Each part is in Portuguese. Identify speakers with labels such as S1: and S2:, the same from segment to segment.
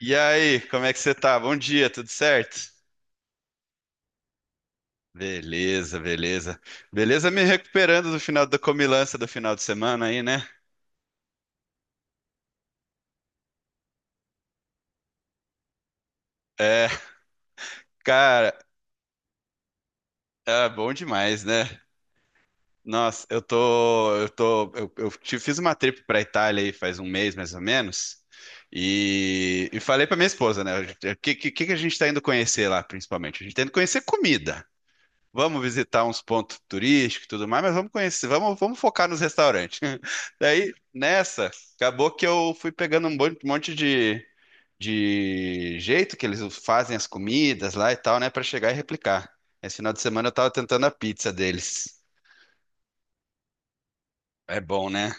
S1: E aí, como é que você tá? Bom dia, tudo certo? Beleza, beleza. Beleza me recuperando do final da comilança do final de semana aí, né? É, cara, é bom demais, né? Nossa, eu tô, eu tô, eu te- fiz uma trip pra Itália aí faz um mês, mais ou menos, e falei pra minha esposa, né? O que a gente tá indo conhecer lá, principalmente? A gente tá indo conhecer comida. Vamos visitar uns pontos turísticos e tudo mais, mas vamos conhecer, vamos, vamos focar nos restaurantes. Daí, nessa, acabou que eu fui pegando monte de jeito que eles fazem as comidas lá e tal, né, para chegar e replicar. Esse final de semana eu tava tentando a pizza deles. É bom, né?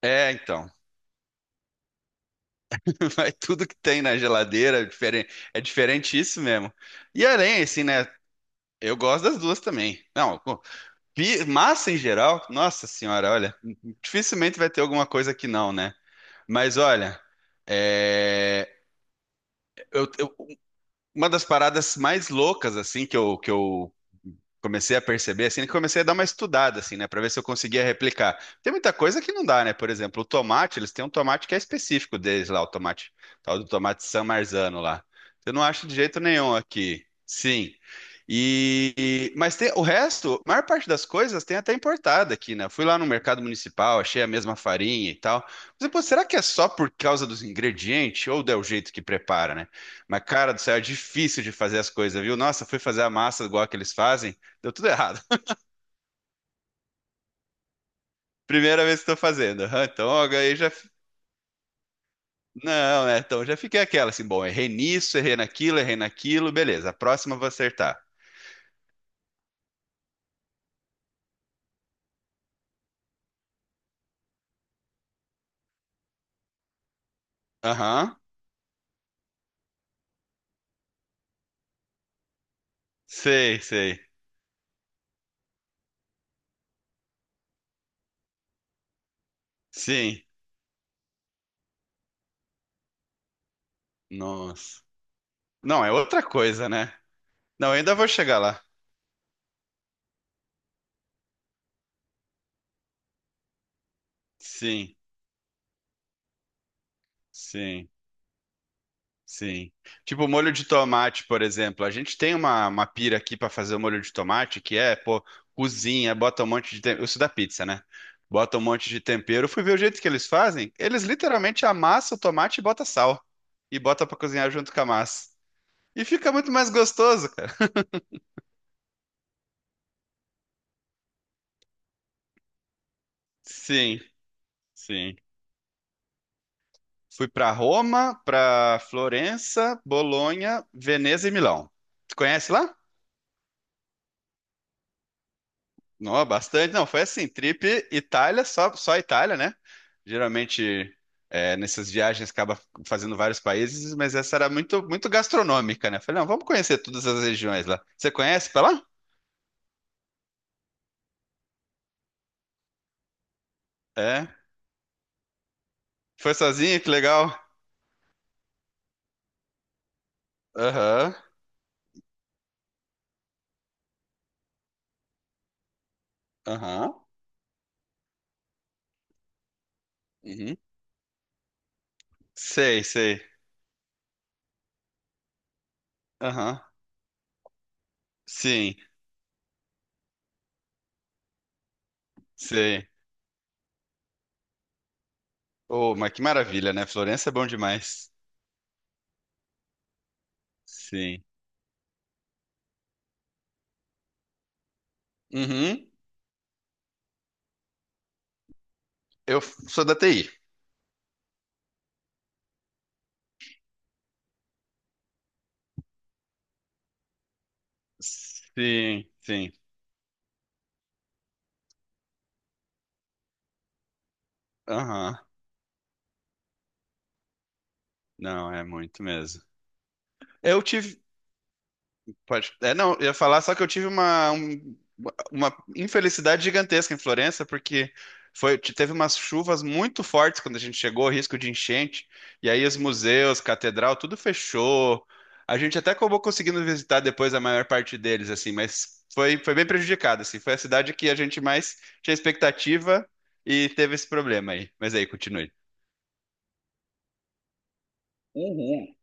S1: É, então. Vai tudo que tem na geladeira, é diferente isso mesmo. E além, assim, né? Eu gosto das duas também. Não, massa em geral, nossa senhora, olha, dificilmente vai ter alguma coisa que não, né? Mas olha, é, eu- eu- uma das paradas mais loucas assim que eu comecei a perceber, assim, que comecei a dar uma estudada, assim, né, para ver se eu conseguia replicar. Tem muita coisa que não dá, né? Por exemplo, o tomate, eles têm um tomate que é específico deles lá, o tomate, tal do tomate San Marzano lá. Eu não acho de jeito nenhum aqui. Sim. Mas tem, o resto, a maior parte das coisas tem até importada aqui, né? Fui lá no mercado municipal, achei a mesma farinha e tal. Mas, pô, será que é só por causa dos ingredientes ou é o jeito que prepara, né? Mas cara do céu, é difícil de fazer as coisas, viu? Nossa, fui fazer a massa igual que eles fazem, deu tudo errado. Primeira vez que estou fazendo. Aham, então, ó, ganhei já. Não, né? Então, já fiquei aquela assim, bom, errei nisso, errei naquilo, beleza. A próxima eu vou acertar. Aham, sei, sei. Sim, nossa. Não, é outra coisa, né? Não, eu ainda vou chegar lá. Sim, sim. Sim. Tipo molho de tomate, por exemplo. A gente tem uma pira aqui para fazer o molho de tomate, que é, pô, cozinha, bota um monte de tempero. Isso da pizza, né? Bota um monte de tempero. Fui ver o jeito que eles fazem. Eles literalmente amassam o tomate e bota sal. E bota para cozinhar junto com a massa. E fica muito mais gostoso, cara. Sim, sim. Fui para Roma, para Florença, Bolonha, Veneza e Milão. Tu conhece lá? Não, bastante. Não, foi assim, trip Itália, só Itália, né? Geralmente, é, nessas viagens, acaba fazendo vários países, mas essa era muito, muito gastronômica, né? Falei, não, vamos conhecer todas as regiões lá. Você conhece pra lá? É. Foi sozinho? Que legal. Aham, aham. Uhum. Sei, sei. Aham. Sim, sei. Oh, mas que maravilha, né? Florença é bom demais. Sim. Uhum. Eu sou da TI. Sim, sim. Aham. Não, é muito mesmo. Eu tive. Pode. É, não, eu ia falar só que eu tive uma infelicidade gigantesca em Florença, porque foi, teve umas chuvas muito fortes quando a gente chegou, risco de enchente. E aí os museus, catedral, tudo fechou. A gente até acabou conseguindo visitar depois a maior parte deles, assim, mas foi, foi bem prejudicado, assim. Foi a cidade que a gente mais tinha expectativa e teve esse problema aí. Mas aí, continue. Uhum.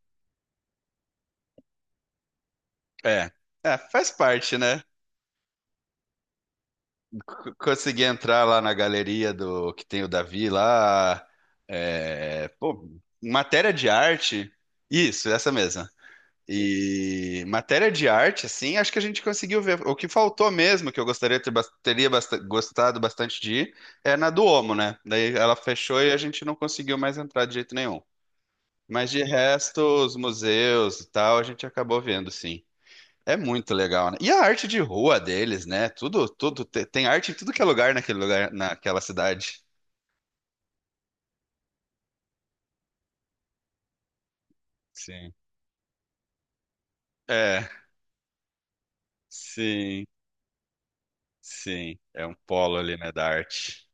S1: É. É, faz parte, né? Consegui entrar lá na galeria do que tem o Davi lá. É, pô, matéria de arte. Isso, essa mesma. E matéria de arte, assim, acho que a gente conseguiu ver. O que faltou mesmo, que eu gostaria de ter, gostado bastante de ir, é na do Omo, né? Daí ela fechou e a gente não conseguiu mais entrar de jeito nenhum. Mas de resto, os museus e tal, a gente acabou vendo, sim. É muito legal, né? E a arte de rua deles, né? Tem arte em tudo que é lugar naquele lugar, naquela cidade. Sim. É, sim, sim. É um polo ali, né, da arte.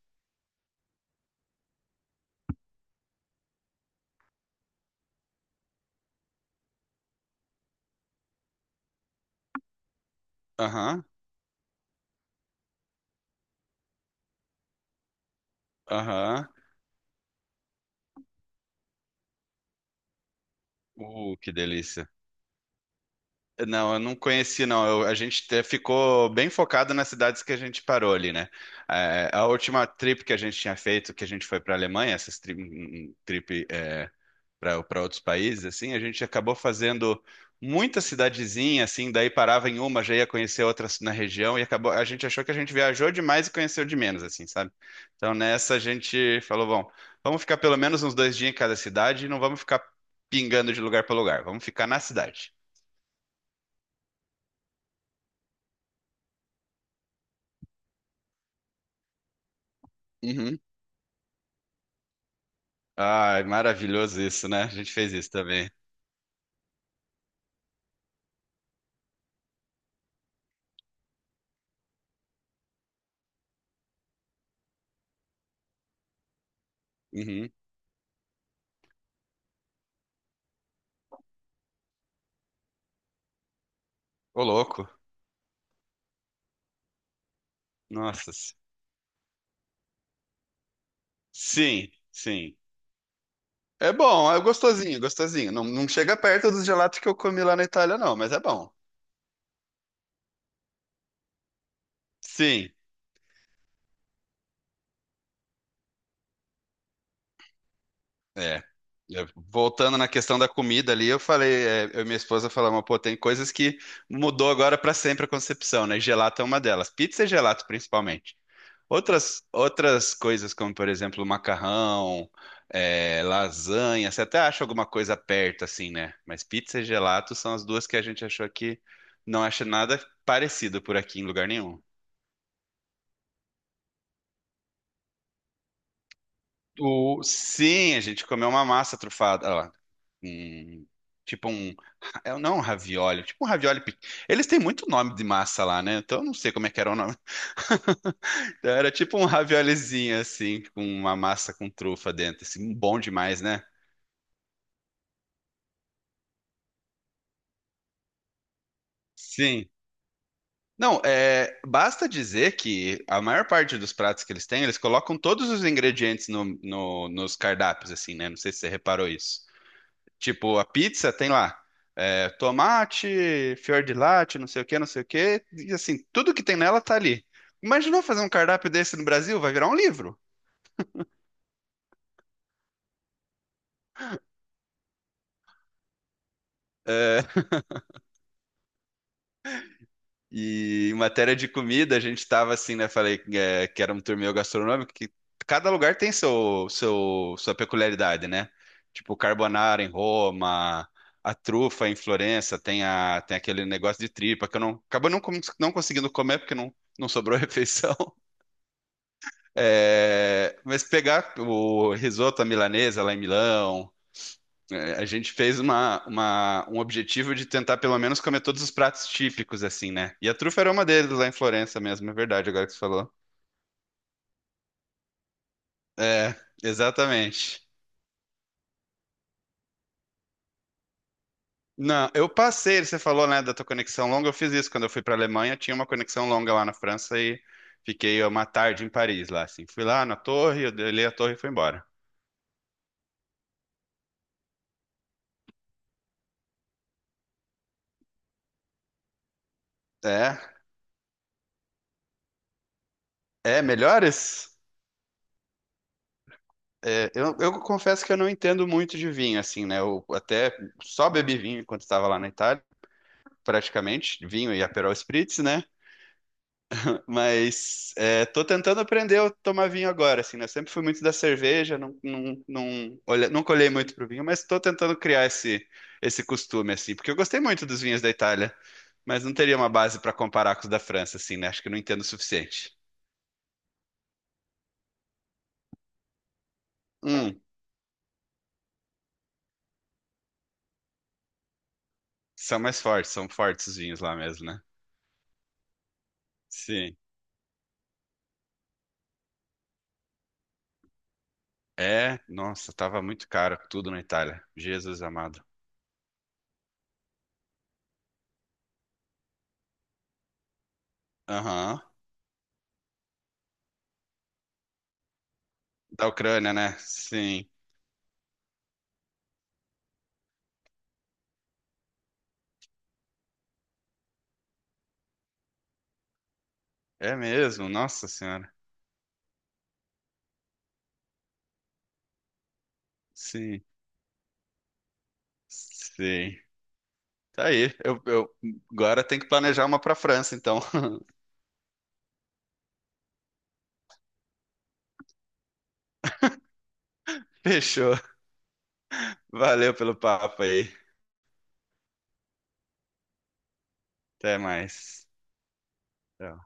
S1: Aham, aham. Que delícia. Não, eu não conheci, não. Ficou bem focado nas cidades que a gente parou ali, né? É, a última trip que a gente tinha feito, que a gente foi para a Alemanha, essas tri- um trip, é, para outros países, assim, a gente acabou fazendo muita cidadezinha, assim, daí parava em uma, já ia conhecer outras na região e acabou, a gente achou que a gente viajou demais e conheceu de menos, assim, sabe? Então nessa a gente falou, bom, vamos ficar pelo menos uns dois dias em cada cidade e não vamos ficar pingando de lugar para lugar, vamos ficar na cidade. Uhum. Ai, maravilhoso isso, né? A gente fez isso também. Uhum. Ô, louco. Nossa. Sim, sim. É bom, é gostosinho, gostosinho. Não, não chega perto dos gelatos que eu comi lá na Itália, não, mas é bom. Sim, é. É, voltando na questão da comida ali, eu falei, é, eu e minha esposa falamos, pô, tem coisas que mudou agora para sempre a concepção, né? Gelato é uma delas. Pizza e gelato, principalmente. Outras, outras coisas, como por exemplo, macarrão, é, lasanha, você até acha alguma coisa perto, assim, né? Mas pizza e gelato são as duas que a gente achou que não acha nada parecido por aqui em lugar nenhum. O, sim, a gente comeu uma massa trufada, ó, um- tipo um, é, não um ravioli, tipo um ravioli. Eles têm muito nome de massa lá, né? Então eu não sei como é que era o nome. Era tipo um raviolizinho assim, com uma massa com trufa dentro, assim, bom demais, né? Sim. Não, é, basta dizer que a maior parte dos pratos que eles têm, eles colocam todos os ingredientes nos cardápios, assim, né? Não sei se você reparou isso. Tipo, a pizza tem lá é, tomate, fior de latte, não sei o que, não sei o que. E assim, tudo que tem nela tá ali. Imaginou fazer um cardápio desse no Brasil? Vai virar um livro. É, e em matéria de comida, a gente tava assim, né? Falei é, que era um torneio gastronômico, que cada lugar tem sua peculiaridade, né? Tipo, o carbonara em Roma, a trufa em Florença, tem, a, tem aquele negócio de tripa que eu não, acabo não, não conseguindo comer porque não, não sobrou refeição. É, mas pegar o risoto à milanesa lá em Milão, é, a gente fez um objetivo de tentar pelo menos comer todos os pratos típicos, assim, né? E a trufa era uma deles lá em Florença mesmo, é verdade, agora que você falou. É, exatamente. Não, eu passei, você falou, né, da tua conexão longa, eu fiz isso quando eu fui para Alemanha, tinha uma conexão longa lá na França e fiquei uma tarde em Paris lá, assim. Fui lá na torre, eu olhei a torre e fui embora. É, melhores? É, eu confesso que eu não entendo muito de vinho, assim, né? Eu até só bebi vinho enquanto estava lá na Itália, praticamente, vinho e Aperol Spritz, né? Mas é, tô tentando aprender a tomar vinho agora, assim, né? Eu sempre fui muito da cerveja, não, não, não, olha, nunca olhei muito pro vinho, mas tô tentando criar esse, esse costume, assim, porque eu gostei muito dos vinhos da Itália, mas não teria uma base para comparar com os da França, assim, né? Acho que eu não entendo o suficiente. Hum, são mais fortes, são fortes os vinhos lá mesmo, né? Sim. É, nossa, tava muito caro tudo na Itália. Jesus amado. Aham. Da Ucrânia, né? Sim. É mesmo, nossa senhora. Sim, sim. Tá aí. Eu agora tem que planejar uma pra França, então. Fechou. Valeu pelo papo aí. Até mais. Tchau.